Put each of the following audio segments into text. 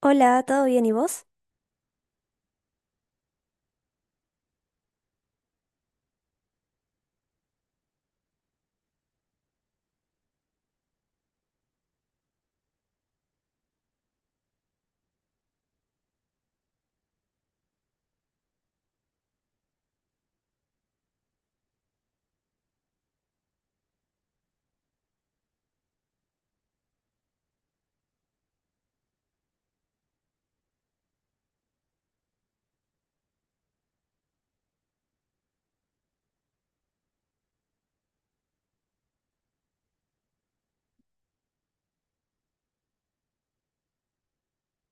Hola, ¿todo bien y vos?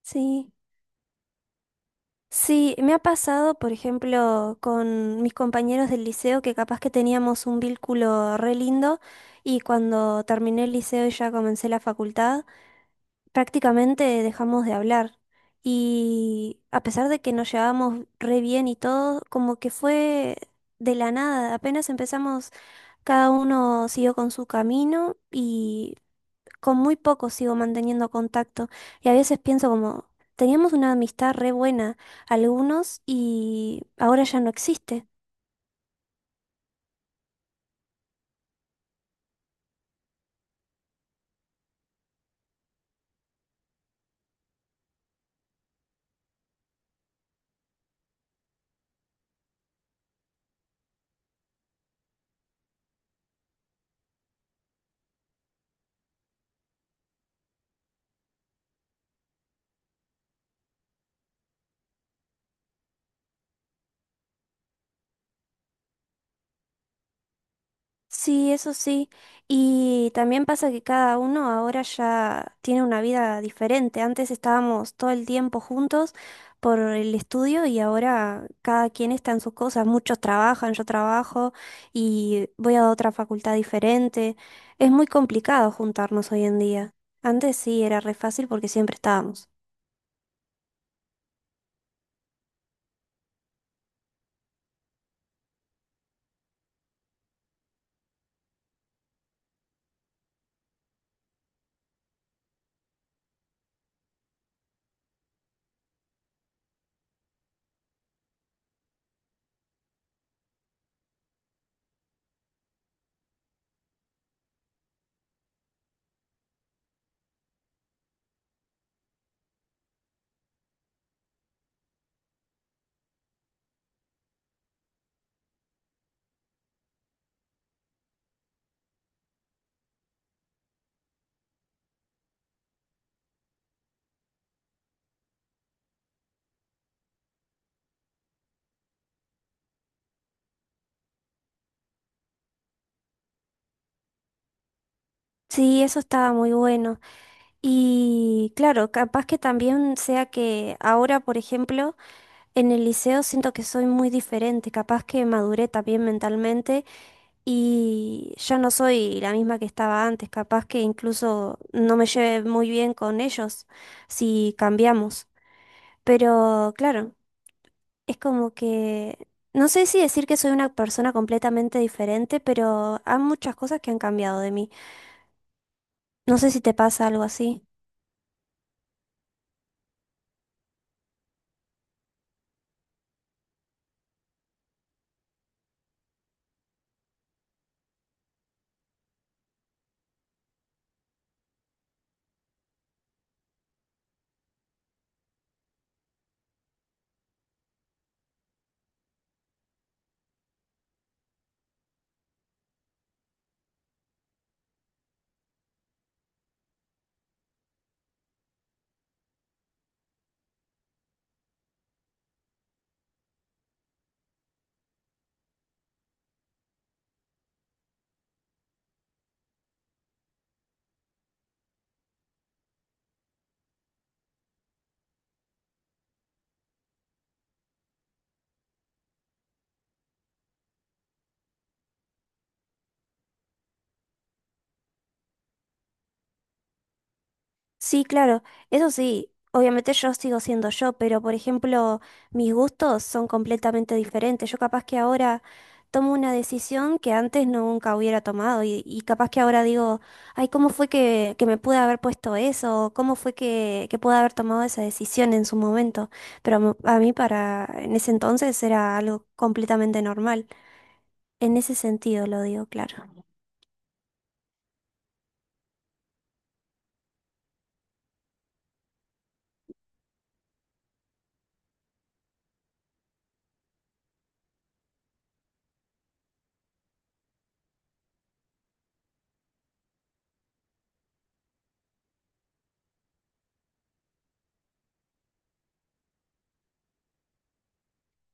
Sí. Sí, me ha pasado, por ejemplo, con mis compañeros del liceo que capaz que teníamos un vínculo re lindo y cuando terminé el liceo y ya comencé la facultad, prácticamente dejamos de hablar. Y a pesar de que nos llevábamos re bien y todo, como que fue de la nada, apenas empezamos, cada uno siguió con su camino y con muy pocos sigo manteniendo contacto y a veces pienso como, teníamos una amistad re buena, algunos, y ahora ya no existe. Sí, eso sí. Y también pasa que cada uno ahora ya tiene una vida diferente. Antes estábamos todo el tiempo juntos por el estudio y ahora cada quien está en sus cosas. Muchos trabajan, yo trabajo y voy a otra facultad diferente. Es muy complicado juntarnos hoy en día. Antes sí era re fácil porque siempre estábamos. Sí, eso estaba muy bueno. Y claro, capaz que también sea que ahora, por ejemplo, en el liceo siento que soy muy diferente, capaz que maduré también mentalmente y ya no soy la misma que estaba antes, capaz que incluso no me lleve muy bien con ellos si cambiamos. Pero claro, es como que no sé si decir que soy una persona completamente diferente, pero hay muchas cosas que han cambiado de mí. No sé si te pasa algo así. Sí, claro, eso sí, obviamente yo sigo siendo yo, pero por ejemplo, mis gustos son completamente diferentes. Yo capaz que ahora tomo una decisión que antes nunca hubiera tomado y capaz que ahora digo, ay, ¿cómo fue que me pude haber puesto eso? ¿Cómo fue que pude haber tomado esa decisión en su momento? Pero a mí para, en ese entonces era algo completamente normal. En ese sentido lo digo, claro.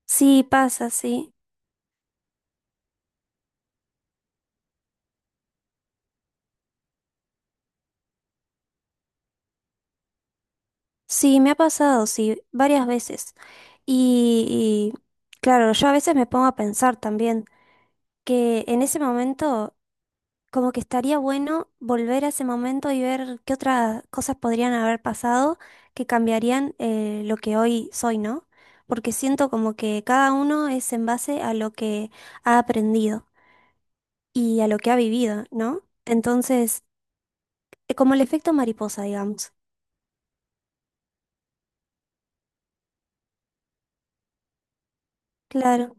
Sí, pasa, sí. Sí, me ha pasado, sí, varias veces. Claro, yo a veces me pongo a pensar también que en ese momento como que estaría bueno volver a ese momento y ver qué otras cosas podrían haber pasado que cambiarían lo que hoy soy, ¿no? Porque siento como que cada uno es en base a lo que ha aprendido y a lo que ha vivido, ¿no? Entonces, como el efecto mariposa, digamos. Claro,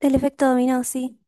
el efecto dominó, sí.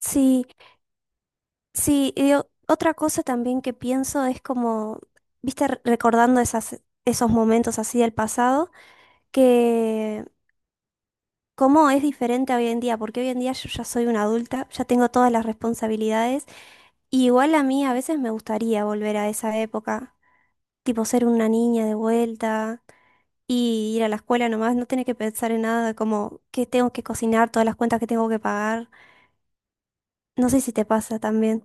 Sí, sí. Y otra cosa también que pienso es como, viste, recordando esas, esos momentos así del pasado, que ¿cómo es diferente hoy en día? Porque hoy en día yo ya soy una adulta, ya tengo todas las responsabilidades y igual a mí a veces me gustaría volver a esa época, tipo ser una niña de vuelta y ir a la escuela nomás, no tener que pensar en nada como que tengo que cocinar, todas las cuentas que tengo que pagar. No sé si te pasa también.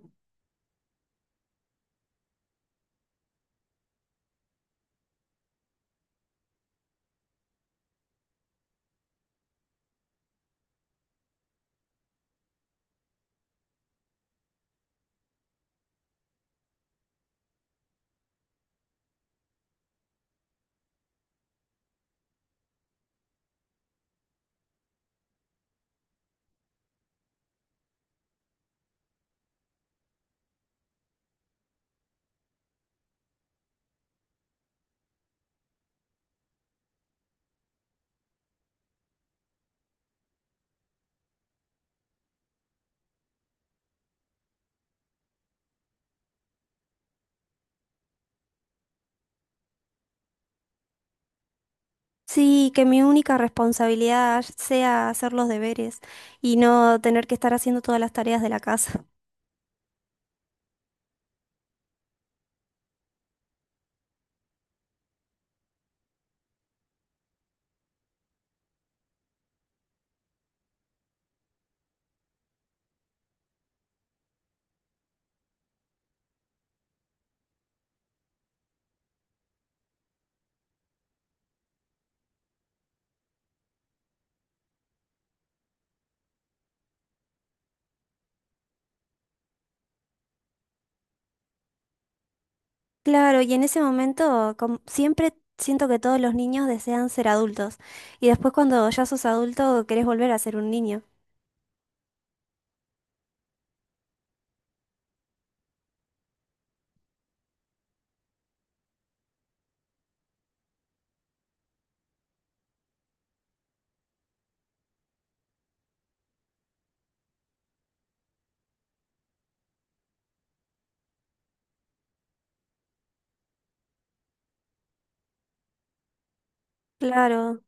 Sí, que mi única responsabilidad sea hacer los deberes y no tener que estar haciendo todas las tareas de la casa. Claro, y en ese momento siempre siento que todos los niños desean ser adultos y después cuando ya sos adulto querés volver a ser un niño. Claro,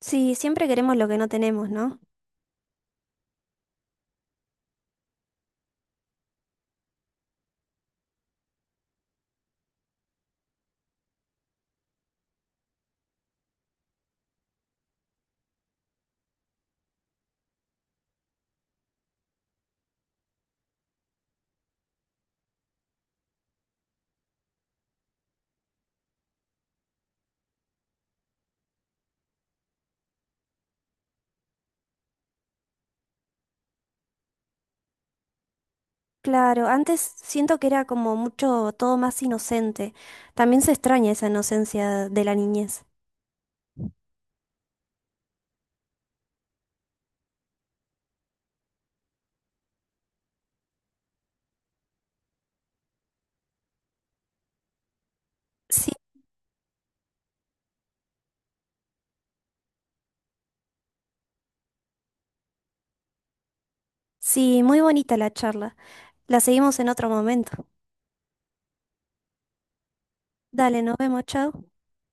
sí, siempre queremos lo que no tenemos, ¿no? Claro, antes siento que era como mucho todo más inocente. También se extraña esa inocencia de la niñez. Sí, sí, muy bonita la charla. La seguimos en otro momento. Dale, nos vemos, chao.